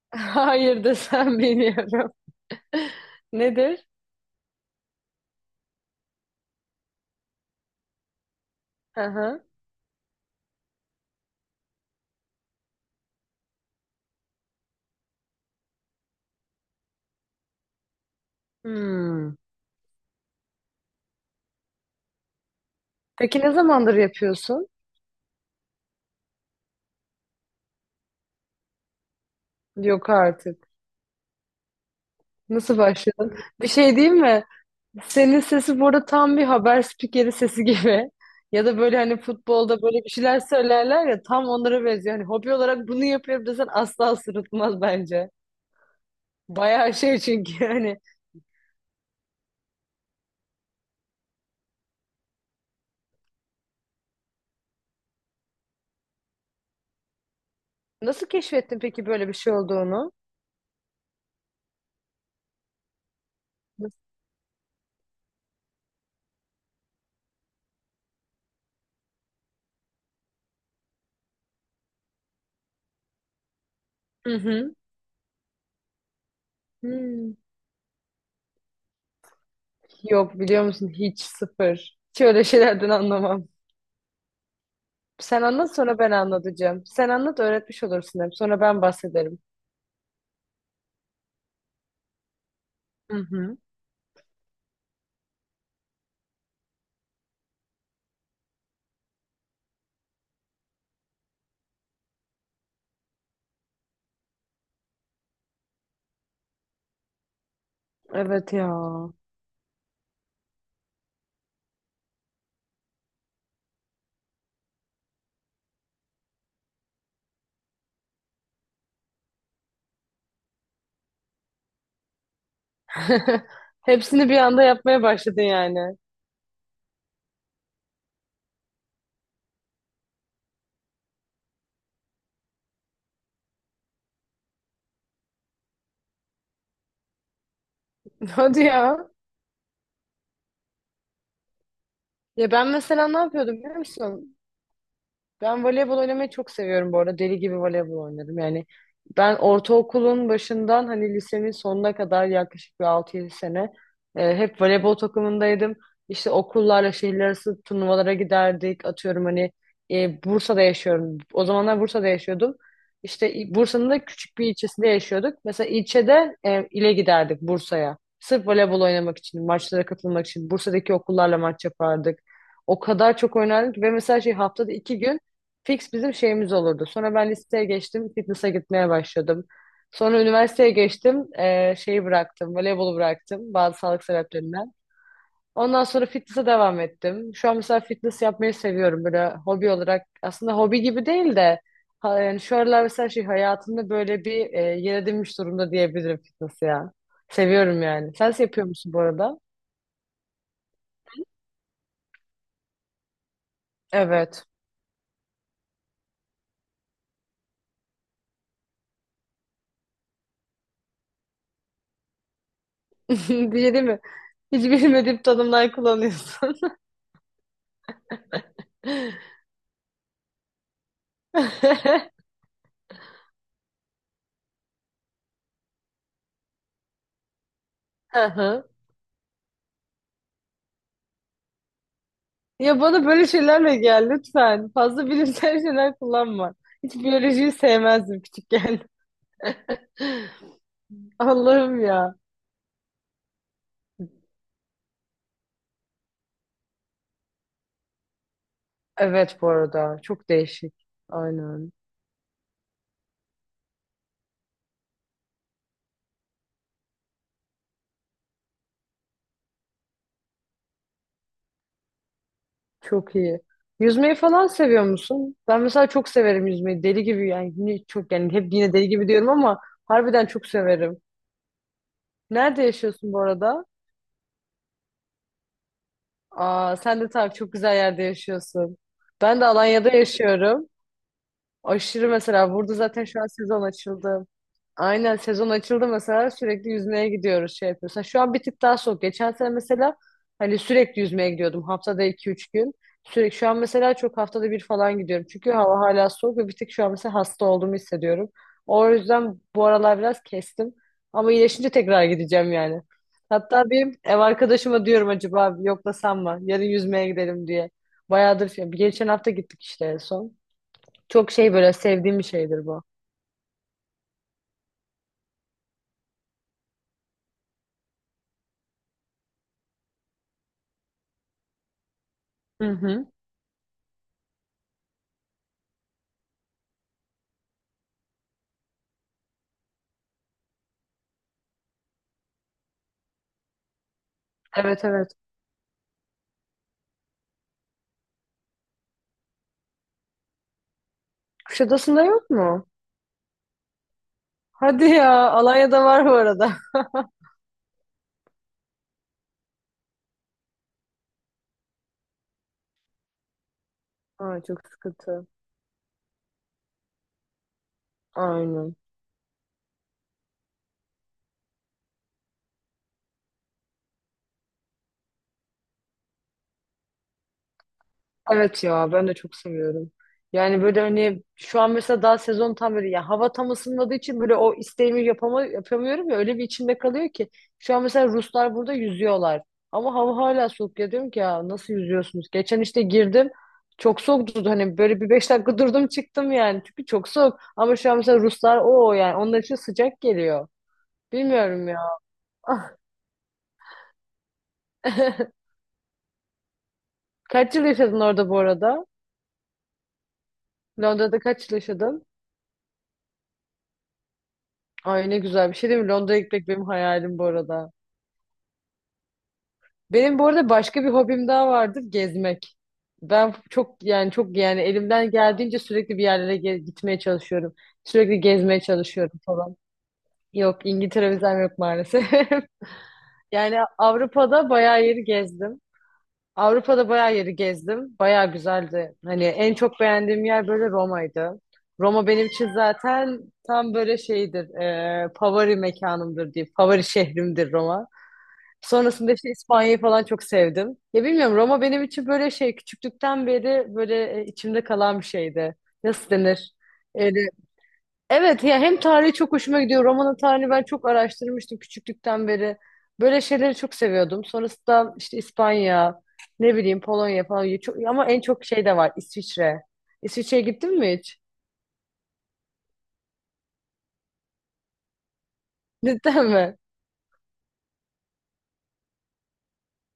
Hayır desem bilmiyorum. Nedir? Aha. Hmm. Peki ne zamandır yapıyorsun? Yok artık. Nasıl başladın? Bir şey diyeyim mi? Senin sesi bu arada tam bir haber spikeri sesi gibi. Ya da böyle hani futbolda böyle bir şeyler söylerler ya tam onlara benziyor. Hani hobi olarak bunu yapıyorum desen asla sırıtmaz bence. Bayağı şey çünkü hani. Nasıl keşfettin peki böyle bir şey olduğunu? Hı hı. Hmm. Yok biliyor musun hiç sıfır. Hiç öyle şeylerden anlamam. Sen anlat sonra ben anlatacağım. Sen anlat öğretmiş olursun hem sonra ben bahsederim. Hı hı. Evet ya. Hepsini bir anda yapmaya başladın yani. Hadi ya. Ya ben mesela ne yapıyordum biliyor musun? Ben voleybol oynamayı çok seviyorum bu arada. Deli gibi voleybol oynadım. Yani ben ortaokulun başından hani lisenin sonuna kadar yaklaşık bir 6-7 sene hep voleybol takımındaydım. İşte okullarla şehirler arası turnuvalara giderdik. Atıyorum hani Bursa'da yaşıyorum. O zamanlar Bursa'da yaşıyordum. İşte Bursa'nın da küçük bir ilçesinde yaşıyorduk. Mesela ilçede ile giderdik Bursa'ya. Sırf voleybol oynamak için, maçlara katılmak için Bursa'daki okullarla maç yapardık. O kadar çok oynardık ki, ve mesela şey haftada iki gün fix bizim şeyimiz olurdu. Sonra ben liseye geçtim, fitness'a gitmeye başladım. Sonra üniversiteye geçtim, şeyi bıraktım, voleybolu bıraktım bazı sağlık sebeplerinden. Ondan sonra fitness'a devam ettim. Şu an mesela fitness yapmayı seviyorum böyle hobi olarak. Aslında hobi gibi değil de yani şu aralar mesela şey hayatımda böyle bir yer edinmiş durumda diyebilirim fitness ya. Seviyorum yani. Sen yapıyor musun bu arada? Evet. Diye değil mi? Hiç bilmediğim tanımlar kullanıyorsun. Hı hı. Ya bana böyle şeylerle gel lütfen. Fazla bilimsel şeyler kullanma. Hiç biyolojiyi sevmezdim küçükken. Allah'ım ya. Evet bu arada çok değişik. Aynen. Çok iyi. Yüzmeyi falan seviyor musun? Ben mesela çok severim yüzmeyi. Deli gibi yani, yine çok, yani hep yine deli gibi diyorum ama harbiden çok severim. Nerede yaşıyorsun bu arada? Aa, sen de tabii çok güzel yerde yaşıyorsun. Ben de Alanya'da yaşıyorum. Aşırı mesela, burada zaten şu an sezon açıldı. Aynen, sezon açıldı mesela, sürekli yüzmeye gidiyoruz, şey yapıyoruz. Ha, şu an bir tık daha soğuk. Geçen sene mesela hani sürekli yüzmeye gidiyordum, haftada 2-3 gün. Sürekli şu an mesela çok, haftada bir falan gidiyorum. Çünkü hava hala soğuk ve bir tık şu an mesela hasta olduğumu hissediyorum. O yüzden bu aralar biraz kestim. Ama iyileşince tekrar gideceğim yani. Hatta bir ev arkadaşıma diyorum, acaba yoklasam mı? Yarın yüzmeye gidelim diye. Bayağıdır şey. Geçen hafta gittik işte en son. Çok şey, böyle sevdiğim bir şeydir bu. Hı hı. Evet evet. Kuşadası'nda yok mu? Hadi ya. Alanya'da var bu arada. Aa, çok sıkıntı. Aynen. Evet ya, ben de çok seviyorum. Yani böyle hani şu an mesela daha sezon tam böyle, ya hava tam ısınmadığı için böyle o isteğimi yapamıyorum ya, öyle bir içimde kalıyor ki. Şu an mesela Ruslar burada yüzüyorlar. Ama hava hala soğuk ya, diyorum ki ya nasıl yüzüyorsunuz? Geçen işte girdim, çok soğuktu hani böyle, bir 5 dakika durdum çıktım yani, çünkü çok soğuk. Ama şu an mesela Ruslar, o yani onlar için sıcak geliyor. Bilmiyorum ya. Kaç yıl yaşadın orada bu arada? Londra'da kaç yıl yaşadın? Ay, ne güzel bir şey değil mi? Londra'ya gitmek benim hayalim bu arada. Benim bu arada başka bir hobim daha vardır, gezmek. Ben çok yani, çok yani elimden geldiğince sürekli bir yerlere gitmeye çalışıyorum. Sürekli gezmeye çalışıyorum falan. Yok, İngiltere vizem yok maalesef. Yani Avrupa'da bayağı yeri gezdim. Avrupa'da bayağı yeri gezdim. Bayağı güzeldi. Hani en çok beğendiğim yer böyle Roma'ydı. Roma benim için zaten tam böyle şeydir. Favori mekanımdır diye. Favori şehrimdir Roma. Sonrasında işte İspanya'yı falan çok sevdim. Ya bilmiyorum, Roma benim için böyle şey, küçüklükten beri böyle içimde kalan bir şeydi. Nasıl denir? Evet ya, hem tarihi çok hoşuma gidiyor. Roma'nın tarihini ben çok araştırmıştım küçüklükten beri. Böyle şeyleri çok seviyordum. Sonrasında işte İspanya, ne bileyim Polonya falan. Çok, ama en çok şey de var, İsviçre. İsviçre'ye gittin mi hiç? Cidden mi?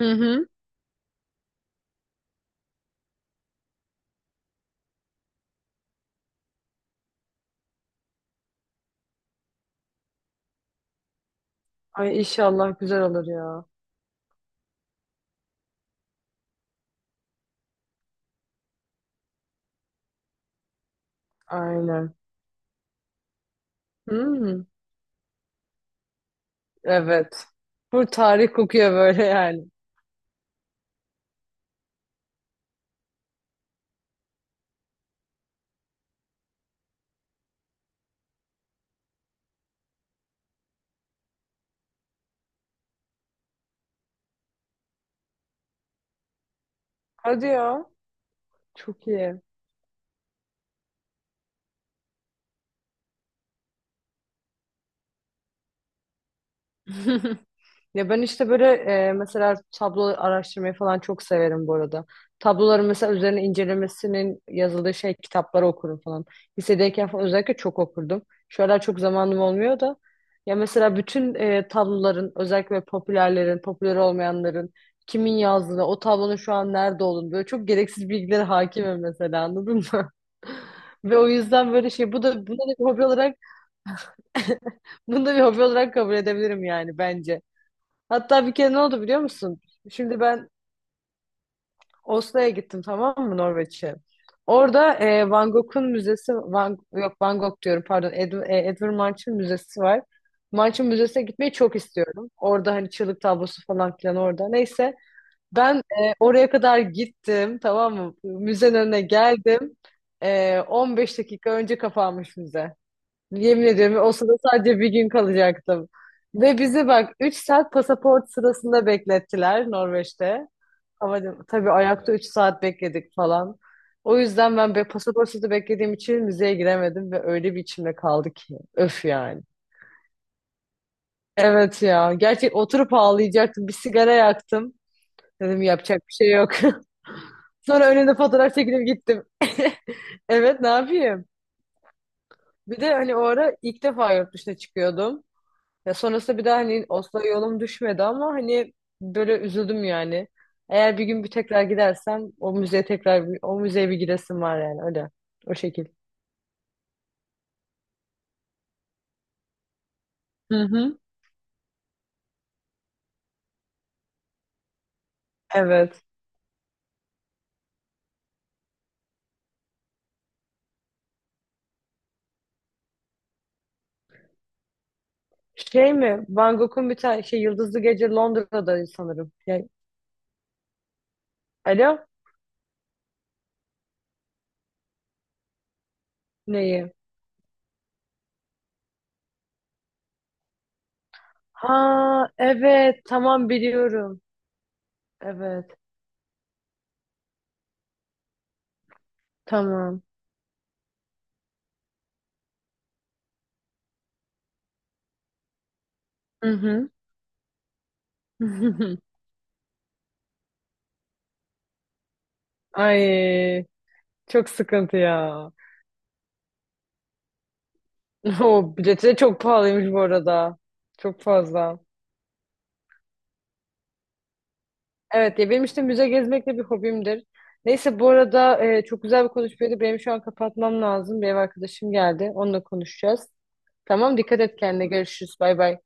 Hı hı. Ay, inşallah güzel olur ya. Aynen. Hmm, evet. Bu tarih kokuyor böyle yani. Hadi ya. Çok iyi. Ya ben işte böyle mesela tablo araştırmayı falan çok severim bu arada. Tabloların mesela üzerine incelemesinin yazıldığı şey kitapları okurum falan. Lisedeyken falan özellikle çok okurdum. Şu aralar çok zamanım olmuyor da. Ya mesela bütün tabloların, özellikle popülerlerin, popüler olmayanların kimin yazdığını, o tablonun şu an nerede olduğunu, böyle çok gereksiz bilgilere hakimim mesela, anladın mı? Ve o yüzden böyle şey, bu da bunu da bir hobi olarak bunu da bir hobi olarak kabul edebilirim yani, bence. Hatta bir kere ne oldu biliyor musun? Şimdi ben Oslo'ya gittim, tamam mı, Norveç'e. Orada Van Gogh'un müzesi, Van, yok Van Gogh diyorum pardon, Edvard Munch'ın müzesi var. Munch'ın müzesine gitmeyi çok istiyorum. Orada hani çığlık tablosu falan filan orada. Neyse, ben oraya kadar gittim, tamam mı? Müzenin önüne geldim. 15 dakika önce kapanmış müze. Yemin ediyorum, o sırada sadece bir gün kalacaktım. Ve bizi bak 3 saat pasaport sırasında beklettiler Norveç'te. Ama tabii ayakta 3 saat bekledik falan. O yüzden ben pasaport sırası beklediğim için müzeye giremedim ve öyle bir içimde kaldı ki. Öf yani. Evet ya. Gerçek oturup ağlayacaktım. Bir sigara yaktım. Dedim yapacak bir şey yok. Sonra önünde fotoğraf çekilip gittim. Evet, ne yapayım? Bir de hani o ara ilk defa yurt dışına çıkıyordum. Ya, sonrasında bir daha hani Oslo'ya yolum düşmedi ama hani böyle üzüldüm yani. Eğer bir gün bir tekrar gidersem o müzeye, o müzeye bir gidesim var yani, öyle. O şekil. Hı hı. Evet. Şey mi? Van Gogh'un bir tane şey, Yıldızlı Gece, Londra'da sanırım. Yani, alo? Neyi? Ha, evet, tamam, biliyorum. Evet. Tamam. Hı hı. Ay, çok sıkıntı ya. O bileti de çok pahalıymış bu arada. Çok fazla. Evet ya, benim işte müze gezmek de bir hobimdir. Neyse bu arada, çok güzel bir konuşmaydı. Benim şu an kapatmam lazım. Bir ev arkadaşım geldi. Onunla konuşacağız. Tamam, dikkat et kendine. Görüşürüz. Bay bay.